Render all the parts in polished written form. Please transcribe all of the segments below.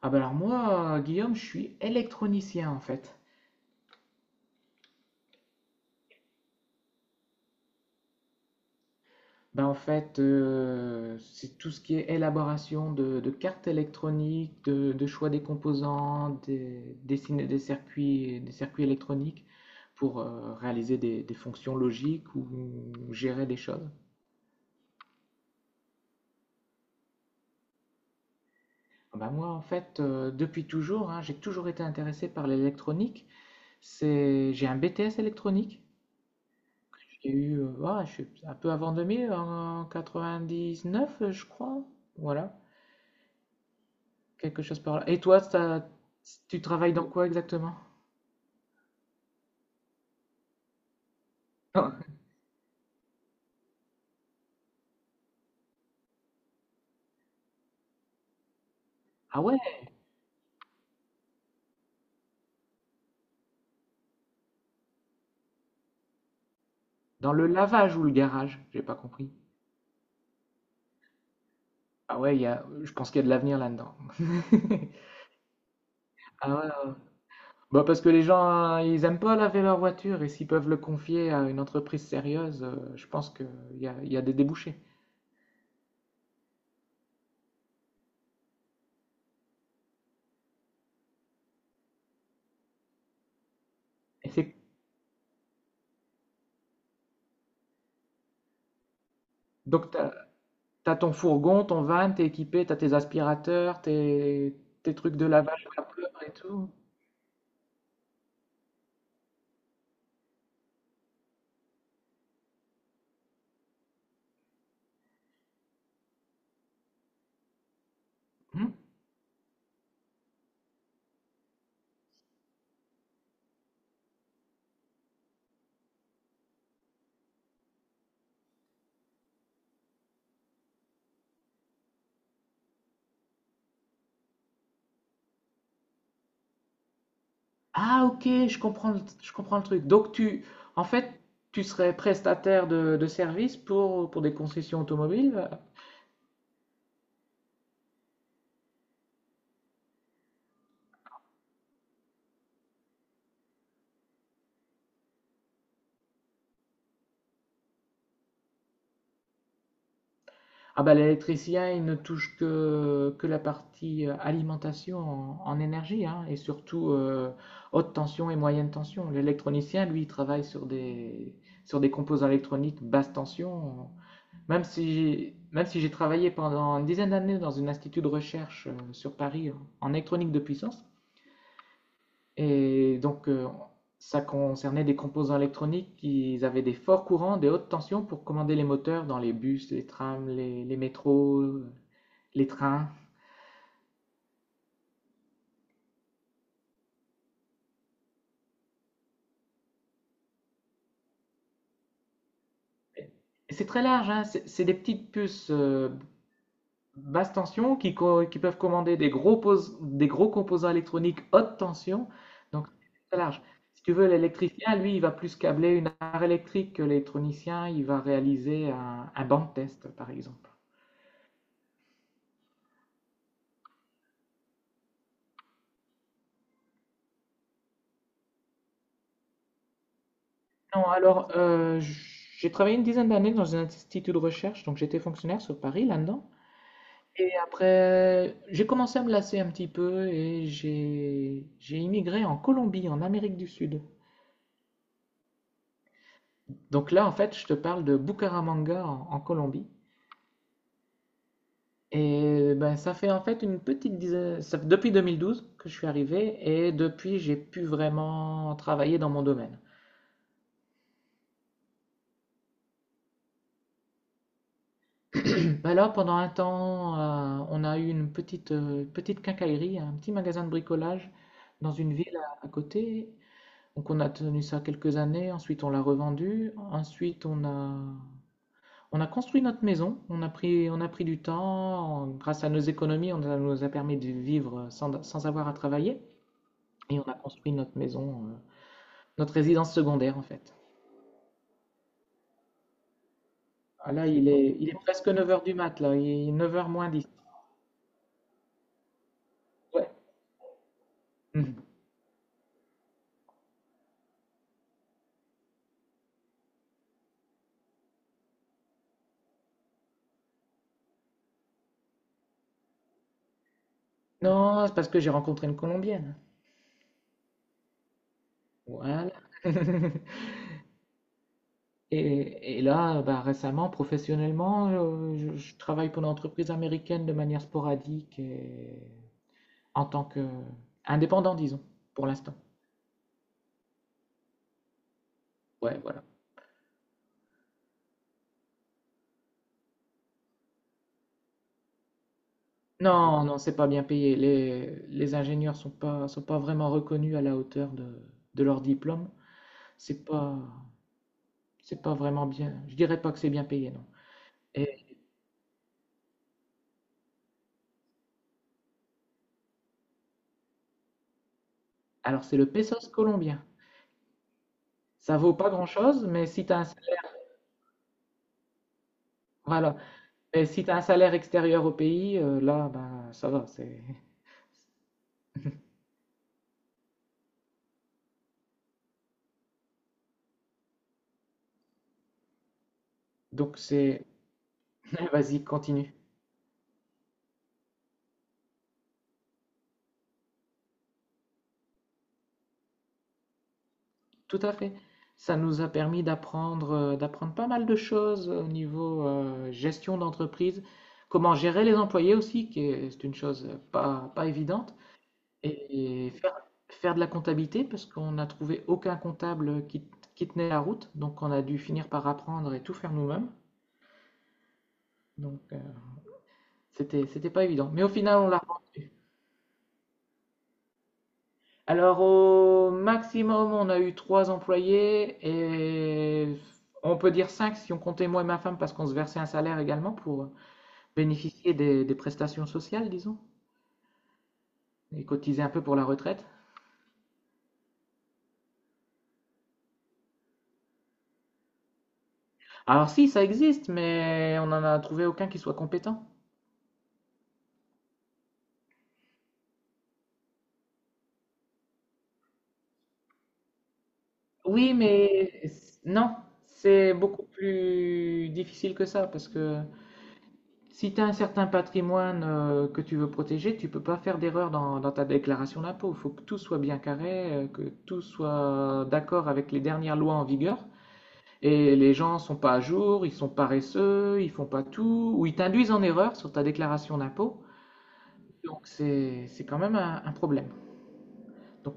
Ah ben alors moi, Guillaume, je suis électronicien en fait. Ben en fait, c'est tout ce qui est élaboration de cartes électroniques, de choix des composants, dessiner des circuits électroniques pour réaliser des fonctions logiques ou gérer des choses. Ah bah moi en fait, depuis toujours, hein, j'ai toujours été intéressé par l'électronique. J'ai un BTS électronique. Je suis un peu avant 2000, en 99, je crois. Voilà, quelque chose par là. Et toi, ça tu travailles dans quoi exactement? Ah ouais, dans le lavage ou le garage? J'ai pas compris. Ah ouais, il y a je pense qu'il y a de l'avenir là-dedans. Ah ouais, ouais. Bah, parce que les gens, hein, ils aiment pas laver leur voiture et s'ils peuvent le confier à une entreprise sérieuse, je pense qu'il y a des débouchés. Et c'est donc tu T'as ton fourgon, ton van, t'es équipé, t'as tes aspirateurs, tes trucs de lavage de la pleuve et tout. Hmm. Ah ok, je comprends, je comprends le truc. Donc en fait, tu serais prestataire de services pour des concessions automobiles. Ah bah l'électricien, il ne touche que la partie alimentation en énergie, hein, et surtout haute tension et moyenne tension. L'électronicien, lui, il travaille sur des composants électroniques basse tension. Même si j'ai travaillé pendant une dizaine d'années dans un institut de recherche sur Paris en électronique de puissance, et donc ça concernait des composants électroniques qui avaient des forts courants, des hautes tensions pour commander les moteurs dans les bus, les trams, les métros, les trains. Et c'est très large, hein, c'est des petites puces basse tension qui peuvent commander des gros composants électroniques haute tension. Donc, c'est très large. Si tu veux, l'électricien, lui, il va plus câbler une armoire électrique que l'électronicien, il va réaliser un banc de test, par exemple. Non, alors, j'ai travaillé une dizaine d'années dans un institut de recherche, donc j'étais fonctionnaire sur Paris, là-dedans. Et après, j'ai commencé à me lasser un petit peu et j'ai immigré en Colombie, en Amérique du Sud. Donc là, en fait, je te parle de Bucaramanga en Colombie. Et ben, ça fait en fait une petite dizaine, ça fait depuis 2012 que je suis arrivé et depuis j'ai pu vraiment travailler dans mon domaine. Ben là, pendant un temps, on a eu une petite quincaillerie, un petit magasin de bricolage dans une ville à côté. Donc on a tenu ça quelques années, ensuite on l'a revendu, ensuite on a construit notre maison, on a pris du temps, grâce à nos économies, nous a permis de vivre sans avoir à travailler. Et on a construit notre maison , notre résidence secondaire, en fait. Ah, là, il est presque neuf heures du mat, là. Il est neuf heures moins dix. Ouais. Mhm. Non, c'est parce que j'ai rencontré une Colombienne. Voilà. Et là, bah, récemment, professionnellement, je travaille pour une entreprise américaine de manière sporadique et en tant que indépendant, disons, pour l'instant. Ouais, voilà. Non, non, c'est pas bien payé. Les ingénieurs sont pas vraiment reconnus à la hauteur de leur diplôme. C'est pas, C'est pas vraiment bien. Je dirais pas que c'est bien payé, non. Et alors, c'est le pesos colombien. Ça vaut pas grand-chose, mais si tu as un salaire, voilà. Mais si t'as un salaire extérieur au pays, là, ben, ça va. C'est. Donc, c'est. Vas-y, continue. Tout à fait. Ça nous a permis d'apprendre pas mal de choses au niveau gestion d'entreprise, comment gérer les employés aussi, c'est une chose pas évidente. Et faire de la comptabilité parce qu'on n'a trouvé aucun comptable qui tenait la route, donc on a dû finir par apprendre et tout faire nous-mêmes. Donc c'était pas évident, mais au final on l'a rendu. Alors au maximum on a eu trois employés et on peut dire cinq si on comptait moi et ma femme parce qu'on se versait un salaire également pour bénéficier des prestations sociales, disons, et cotiser un peu pour la retraite. Alors si ça existe, mais on n'en a trouvé aucun qui soit compétent. Oui, mais non, c'est beaucoup plus difficile que ça parce que si tu as un certain patrimoine que tu veux protéger, tu peux pas faire d'erreur dans ta déclaration d'impôt. Il faut que tout soit bien carré, que tout soit d'accord avec les dernières lois en vigueur. Et les gens sont pas à jour, ils sont paresseux, ils font pas tout, ou ils t'induisent en erreur sur ta déclaration d'impôt. Donc c'est quand même un problème. Donc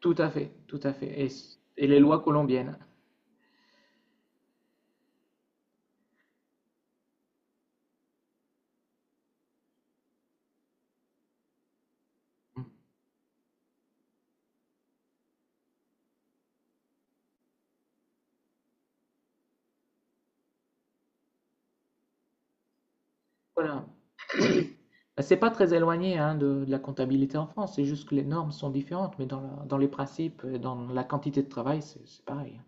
tout à fait, tout à fait. Et les lois colombiennes. Voilà. Ben, c'est pas très éloigné hein, de la comptabilité en France, c'est juste que les normes sont différentes, mais dans les principes, et dans la quantité de travail, c'est pareil.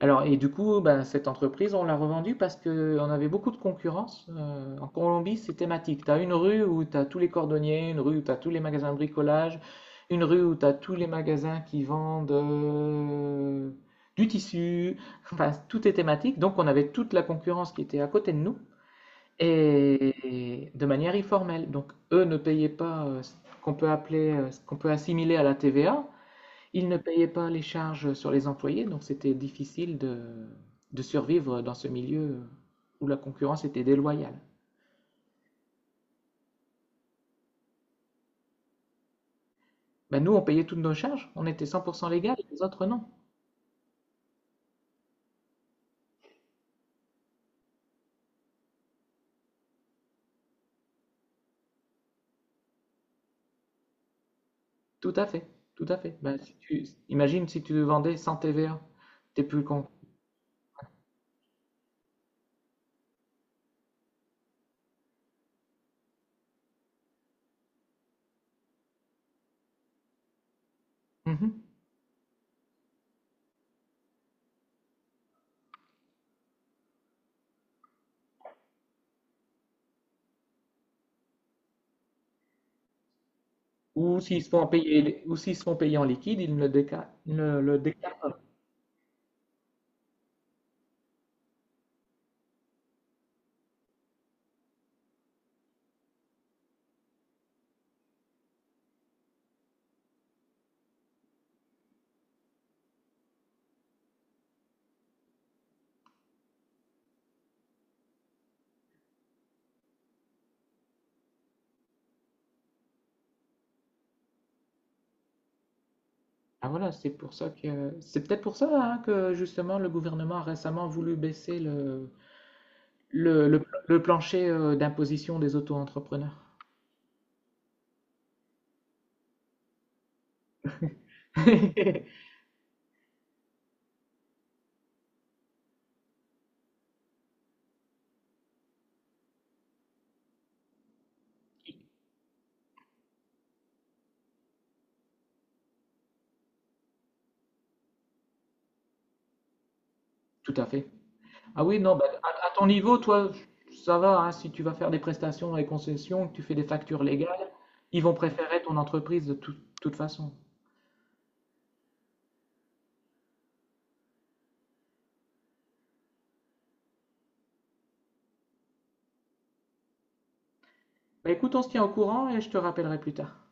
Alors, et du coup, ben, cette entreprise, on l'a revendue parce qu'on avait beaucoup de concurrence. En Colombie, c'est thématique. Tu as une rue où tu as tous les cordonniers, une rue où tu as tous les magasins de bricolage, une rue où tu as tous les magasins qui vendent du tissu. Enfin, tout est thématique. Donc, on avait toute la concurrence qui était à côté de nous. Et de manière informelle. Donc, eux ne payaient pas ce qu'on peut appeler, ce qu'on peut assimiler à la TVA. Ils ne payaient pas les charges sur les employés, donc c'était difficile de survivre dans ce milieu où la concurrence était déloyale. Ben, nous, on payait toutes nos charges, on était 100% légal, les autres non. Tout à fait, tout à fait. Ben, si tu, imagine si tu vendais sans TVA, t'es plus con. Mhm. Ou s'ils se font payer en liquide, ils ne le déclarent pas. Ah voilà, c'est pour ça que c'est peut-être pour ça hein, que justement le gouvernement a récemment voulu baisser le plancher d'imposition des auto-entrepreneurs. Tout à fait. Ah oui, non, bah, à ton niveau, toi, ça va, hein, si tu vas faire des prestations et concessions, que tu fais des factures légales, ils vont préférer ton entreprise de toute façon. Bah écoute, on se tient au courant et je te rappellerai plus tard.